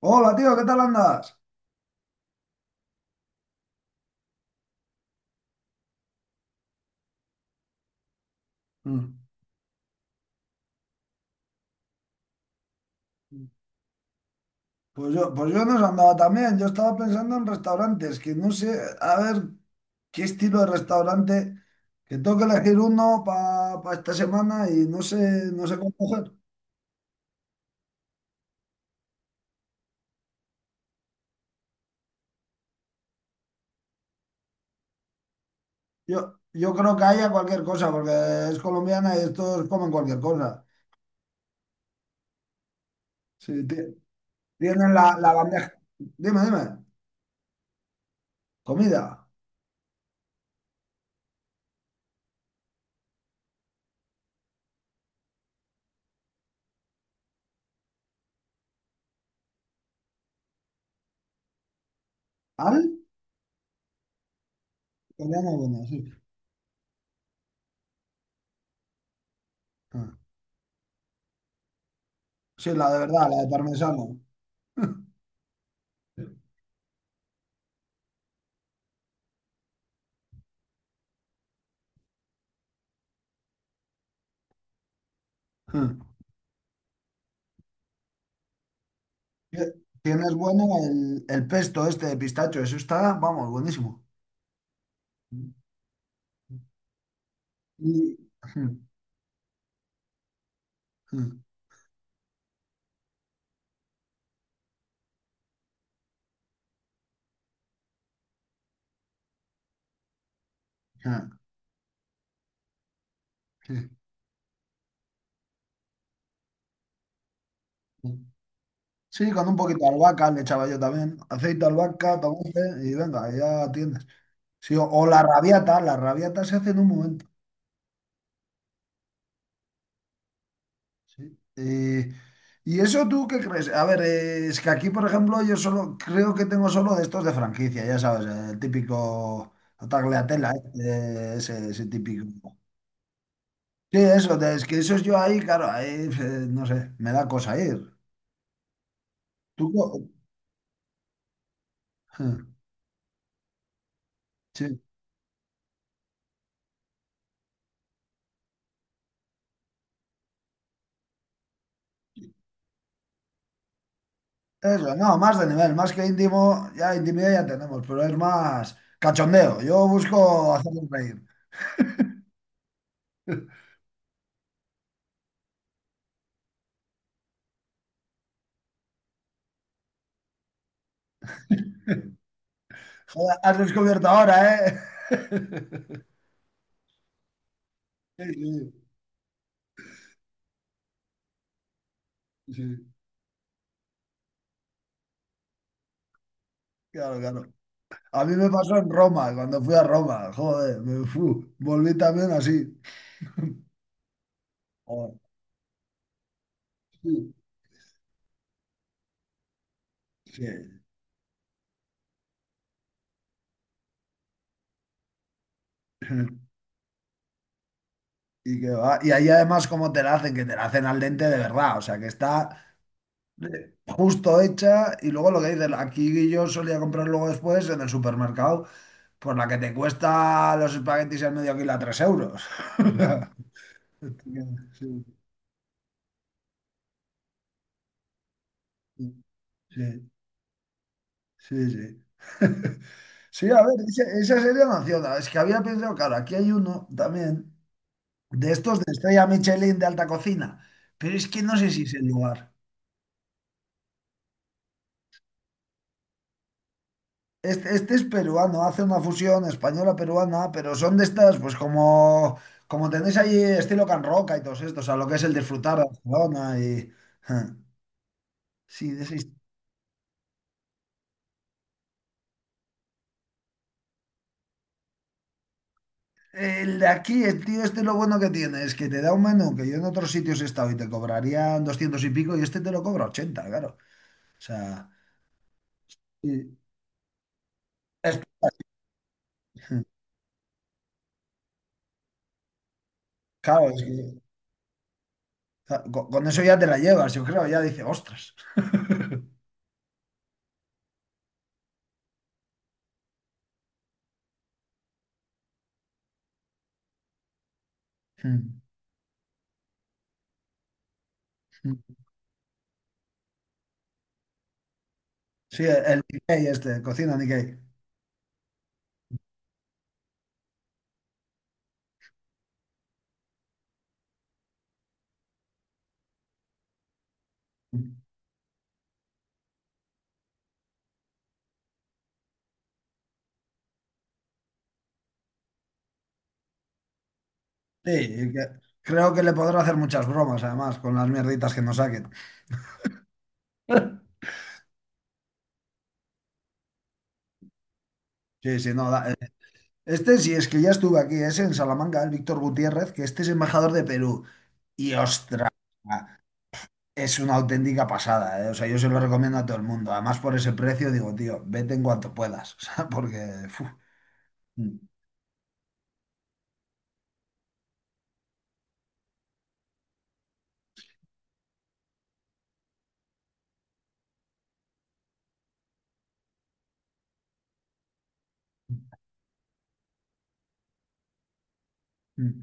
Hola, tío, ¿qué tal andas? Mm. Pues yo no os andaba también. Yo estaba pensando en restaurantes, que no sé, a ver qué estilo de restaurante, que tengo que elegir uno para esta semana y no sé cómo coger. Yo creo que haya cualquier cosa, porque es colombiana y estos comen cualquier cosa. Sí, tienen la bandeja. Dime, dime. Comida. ¿Al? Italiana buena, sí. Ah. Sí, la de verdad, la de parmesano. Tie- Tienes bueno el pesto este de pistacho, eso está, vamos, buenísimo. Y- Sí, sí, con un poquito de albahaca le echaba yo también. Aceite, albahaca, tomate y venga, ya tienes. Sí, o la rabiata se hace en un momento. Sí. ¿Y eso tú qué crees? A ver, es que aquí, por ejemplo, yo solo creo que tengo solo de estos de franquicia, ya sabes, el típico tagliatella, este, ese típico. Sí, eso, es que eso es yo ahí, claro, ahí, no sé, me da cosa ir. Tú, sí, sí. Eso, no, más de nivel, más que íntimo, ya intimidad ya tenemos, pero es más cachondeo. Yo busco hacerles reír. Joder, has descubierto ahora, ¿eh? Sí, sí, sí, claro, claro. A mí me pasó en Roma, cuando fui a Roma, joder, volví también así. Joder, sí, sí. Y, que va. Y ahí además como te la hacen, que te la hacen al dente de verdad, o sea que está justo hecha, y luego lo que dices, aquí yo solía comprar luego después en el supermercado, pues la que te cuesta los espaguetis al medio kilo a 3 euros. Sí, sí, sí, sí. Sí, a ver, esa, serie nació, es que había pensado, claro, aquí hay uno también de estos de estrella Michelin de alta cocina, pero es que no sé si es el lugar. Este es peruano, hace una fusión española-peruana, pero son de estas, pues como tenéis ahí estilo Can Roca y todos estos, a lo que es el disfrutar de Barcelona y... Ja, sí, de ese el de aquí. El tío, este lo bueno que tiene es que te da un menú que yo en otros sitios he estado y te cobrarían 200 y pico y este te lo cobra ochenta, claro. O sea, y es- claro, es que claro, con eso ya te la llevas, yo creo, ya dice, ostras. Sí, el Nikkei este, cocina Nikkei. Sí, que- creo que le podrá hacer muchas bromas, además, con las mierditas que nos saquen. Sí, sí, no. Este sí, es que ya estuve aquí, ese en Salamanca, el Víctor Gutiérrez, que este es embajador de Perú. Y ostras, es una auténtica pasada, ¿eh? O sea, yo se lo recomiendo a todo el mundo. Además, por ese precio, digo, tío, vete en cuanto puedas. O sea, porque. Fu, mm, mm.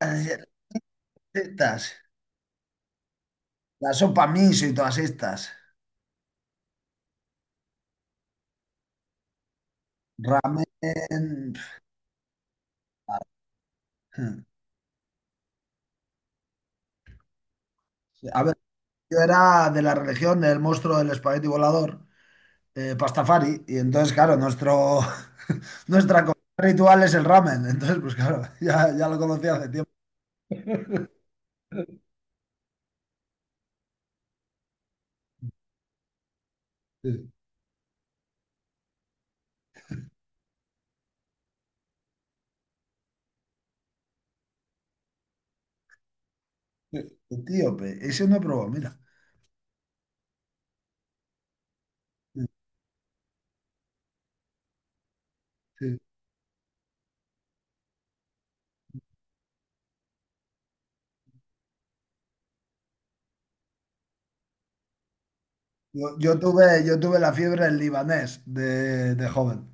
Las Estas, la sopa miso y todas estas. Ramen. pf, A ver, yo era de la religión del monstruo del espagueti volador. Pastafari, y entonces, claro, nuestra comida ritual es el ramen, entonces, pues claro, ya, ya lo conocí hace tiempo. Sí, sí. Etíope, ese no he probado, mira. Sí, sí. Yo tuve la fiebre del libanés de joven.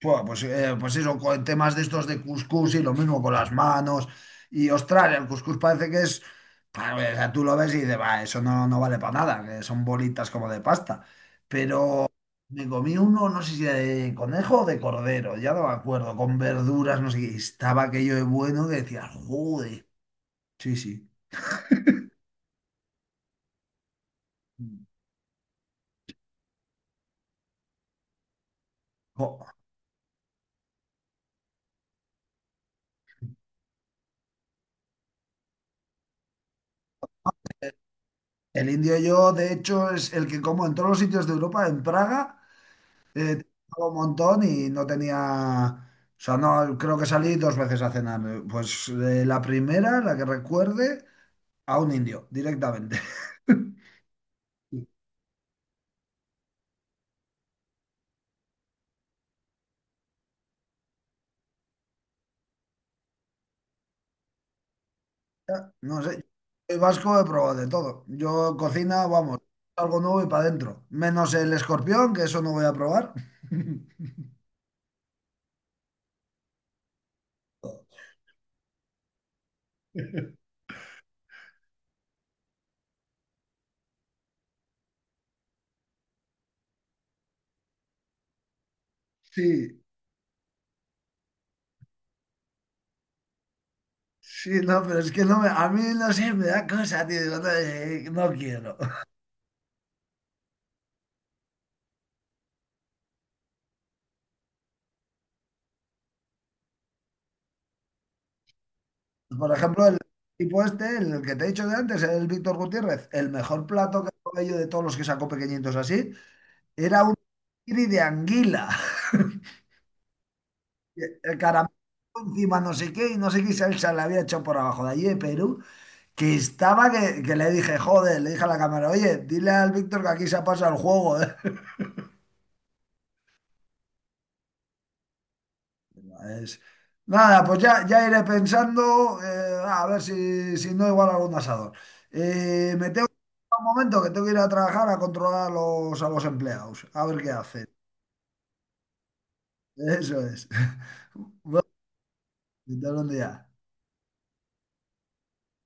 Pues eso, con temas de estos de cuscús y lo mismo con las manos. Y ostras, el cuscús parece que es. O sea, tú lo ves y dices, va, eso no, no vale para nada, que son bolitas como de pasta. Pero me comí uno, no sé si de conejo o de cordero, ya no me acuerdo, con verduras, no sé qué. Y estaba aquello de bueno que decía, joder. Sí, sí. Jo. El indio yo, de hecho, es el que como en todos los sitios de Europa, en Praga. Eh, Trabajaba un montón y no tenía, o sea, no, creo que salí dos veces a cenar. Pues la primera, la que recuerde, a un indio, directamente. Ya, no sé, el vasco he probado de todo. Yo cocina, vamos, algo nuevo y para adentro. Menos el escorpión, que eso no voy a probar. Sí, sí, no, pero es que no me, a mí no sé, me da cosa, tío. Digo, no, no quiero. Pues, por ejemplo, el tipo este, el que te he dicho de antes, el Víctor Gutiérrez, el mejor plato que probé yo de todos los que sacó pequeñitos así, era un nigiri de anguila. El caramelo encima no sé qué y no sé qué salsa le había hecho por abajo de allí de Perú, que estaba que, le dije, joder, le dije a la cámara, oye, dile al Víctor que aquí se ha pasado el juego, eh". Es- Nada, pues ya, ya iré pensando, a ver si no igual algún asador. Me tengo que ir un momento que tengo que ir a trabajar a controlar a los empleados, a ver qué hacen. Eso es. Bueno, hasta un día.